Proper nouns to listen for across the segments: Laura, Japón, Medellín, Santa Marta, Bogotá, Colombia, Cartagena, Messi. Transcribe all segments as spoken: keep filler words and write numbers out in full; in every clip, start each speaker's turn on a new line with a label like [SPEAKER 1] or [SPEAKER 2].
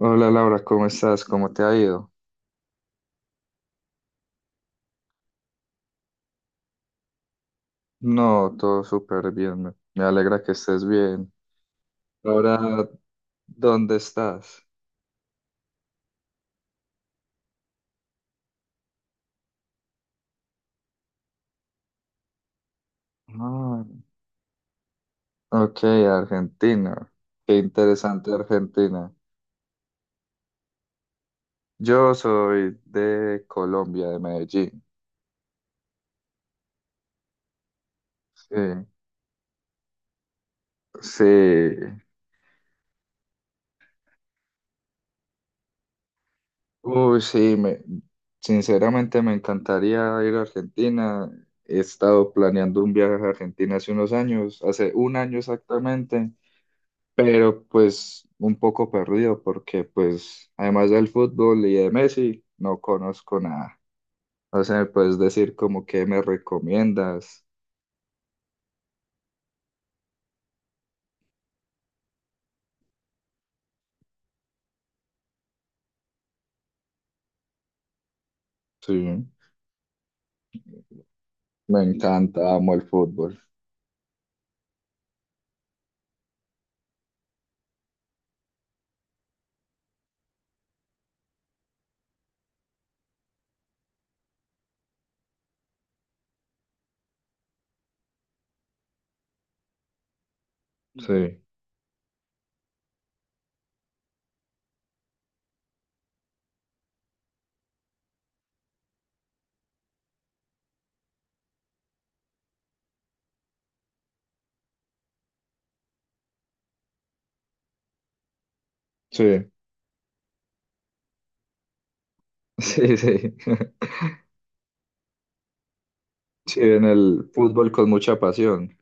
[SPEAKER 1] Hola Laura, ¿cómo estás? ¿Cómo te ha ido? No, todo súper bien. Me, me alegra que estés bien. Ahora, ¿dónde estás? Ah, ok, Argentina. Qué interesante Argentina. Yo soy de Colombia, de Medellín. Sí, sí. Uy, sí, me, sinceramente me encantaría ir a Argentina. He estado planeando un viaje a Argentina hace unos años, hace un año exactamente. Pero pues un poco perdido porque pues además del fútbol y de Messi no conozco nada. No sé, me puedes decir como que me recomiendas. Sí, me encanta, amo el fútbol. Sí, sí, sí, sí. Sí, en el fútbol con mucha pasión.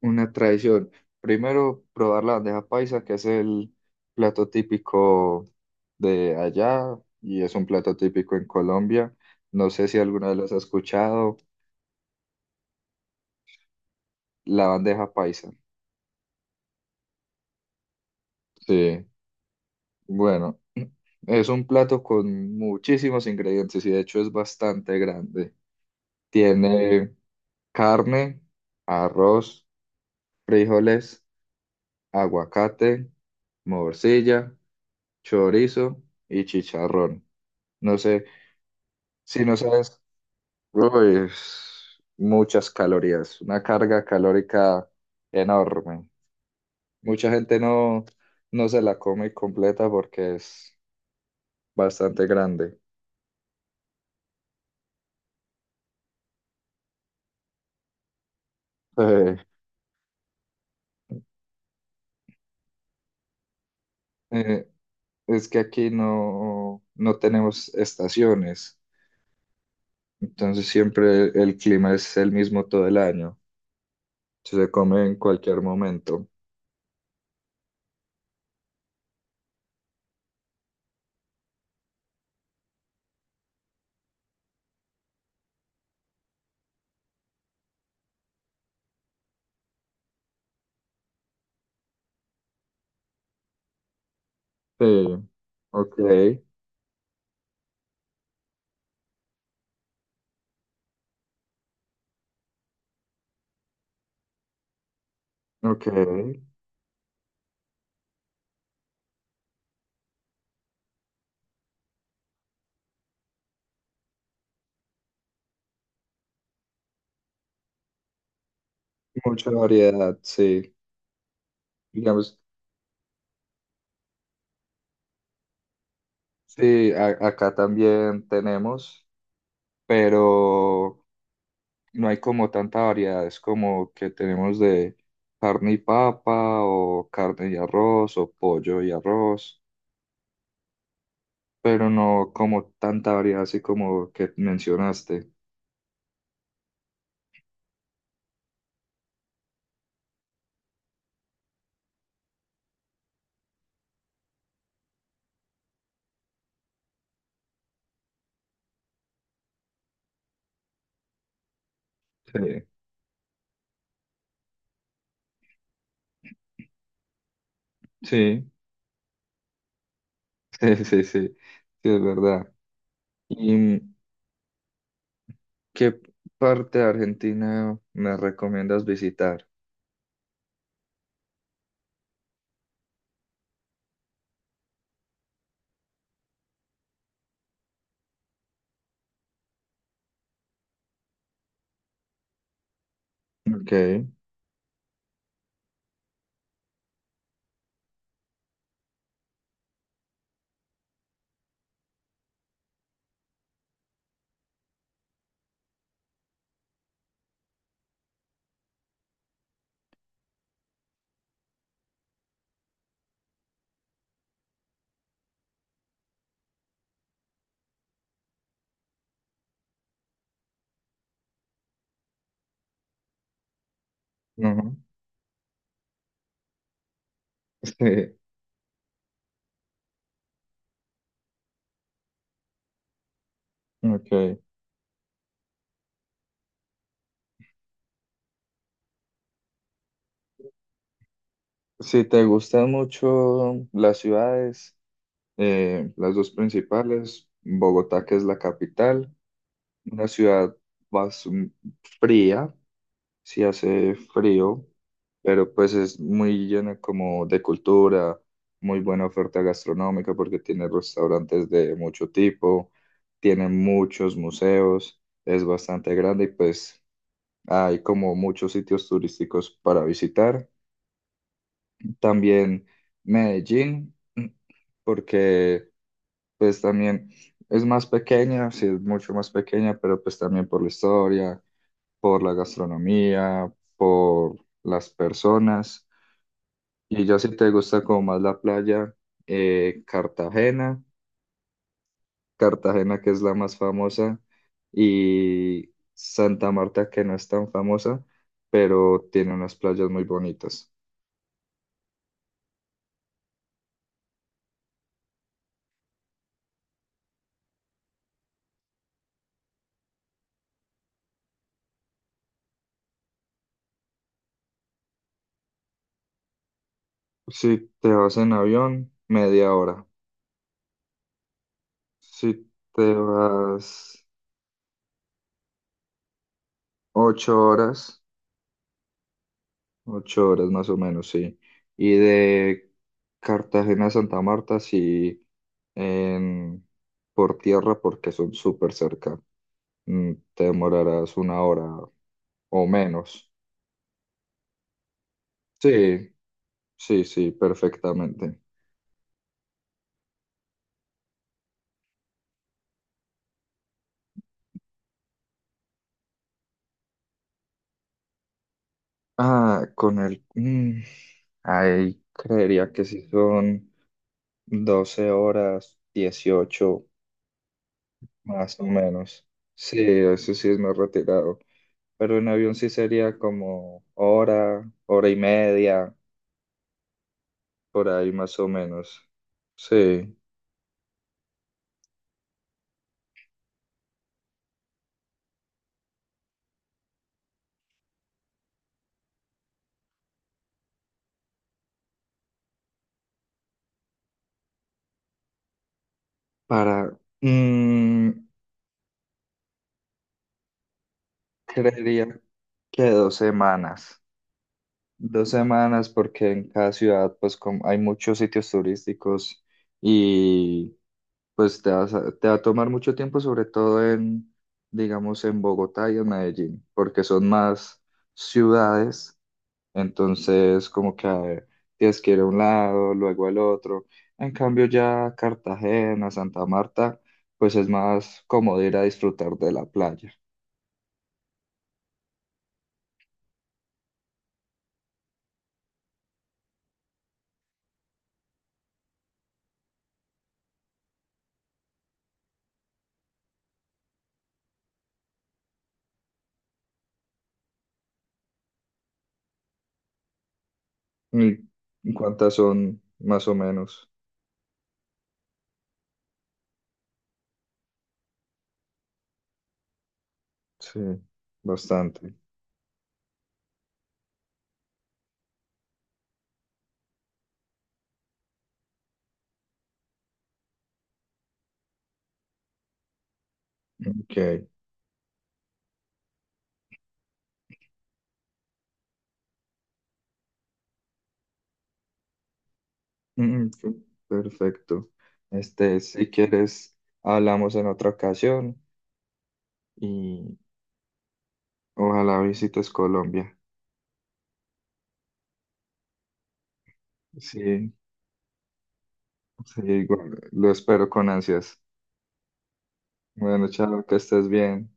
[SPEAKER 1] Una tradición. Primero, probar la bandeja paisa, que es el plato típico de allá y es un plato típico en Colombia. No sé si alguna vez las has escuchado. La bandeja paisa, sí. Bueno, es un plato con muchísimos ingredientes y de hecho es bastante grande. Tiene carne, arroz, frijoles, aguacate, morcilla, chorizo y chicharrón. No sé, si no sabes, uy, es muchas calorías, una carga calórica enorme. Mucha gente no, no se la come completa porque es bastante grande. Eh, eh, es que aquí no, no tenemos estaciones, entonces siempre el clima es el mismo todo el año, se come en cualquier momento. Sí, ok, ok, mucha variedad, sí. Digamos, sí, a- acá también tenemos, pero no hay como tanta variedad, es como que tenemos de carne y papa o carne y arroz o pollo y arroz. Pero no como tanta variedad así como que mencionaste. Sí, sí, sí, sí, sí, sí, es verdad. ¿Y qué parte de Argentina me recomiendas visitar? Ok, ujú, sí, ok. Si te gustan mucho las ciudades, eh, las dos principales, Bogotá, que es la capital, una ciudad más mm, fría, sí hace frío, pero pues es muy lleno como de cultura, muy buena oferta gastronómica porque tiene restaurantes de mucho tipo, tiene muchos museos, es bastante grande y pues hay como muchos sitios turísticos para visitar. También Medellín, porque pues también es más pequeña, sí es mucho más pequeña, pero pues también por la historia, por la gastronomía, por las personas. Y ya si te gusta como más la playa, eh, Cartagena, Cartagena que es la más famosa, y Santa Marta que no es tan famosa, pero tiene unas playas muy bonitas. Si te vas en avión, media hora. Si te vas ocho horas. Ocho horas más o menos, sí. Y de Cartagena a Santa Marta, sí, en, por tierra, porque son súper cerca. Mm, Te demorarás una hora o menos. Sí, sí, sí, perfectamente. Ah, con el... mm, ahí creería que sí son doce horas, dieciocho más o menos. Sí, eso sí es más retirado. Pero en avión sí sería como hora, hora y media, por ahí más o menos. Sí, para, mm, creería que dos semanas. Dos semanas porque en cada ciudad pues como hay muchos sitios turísticos y pues te vas a- te va a tomar mucho tiempo, sobre todo en, digamos, en Bogotá y en Medellín, porque son más ciudades. Entonces, como que eh, tienes que ir a un lado, luego al otro. En cambio, ya Cartagena, Santa Marta, pues es más cómodo ir a disfrutar de la playa. ¿Y cuántas son más o menos? Sí, bastante. Ok. Mm, mm, perfecto. Este, si quieres, hablamos en otra ocasión y ojalá visites Colombia. Sí, sí, igual, lo espero con ansias. Bueno, chao, que estés bien.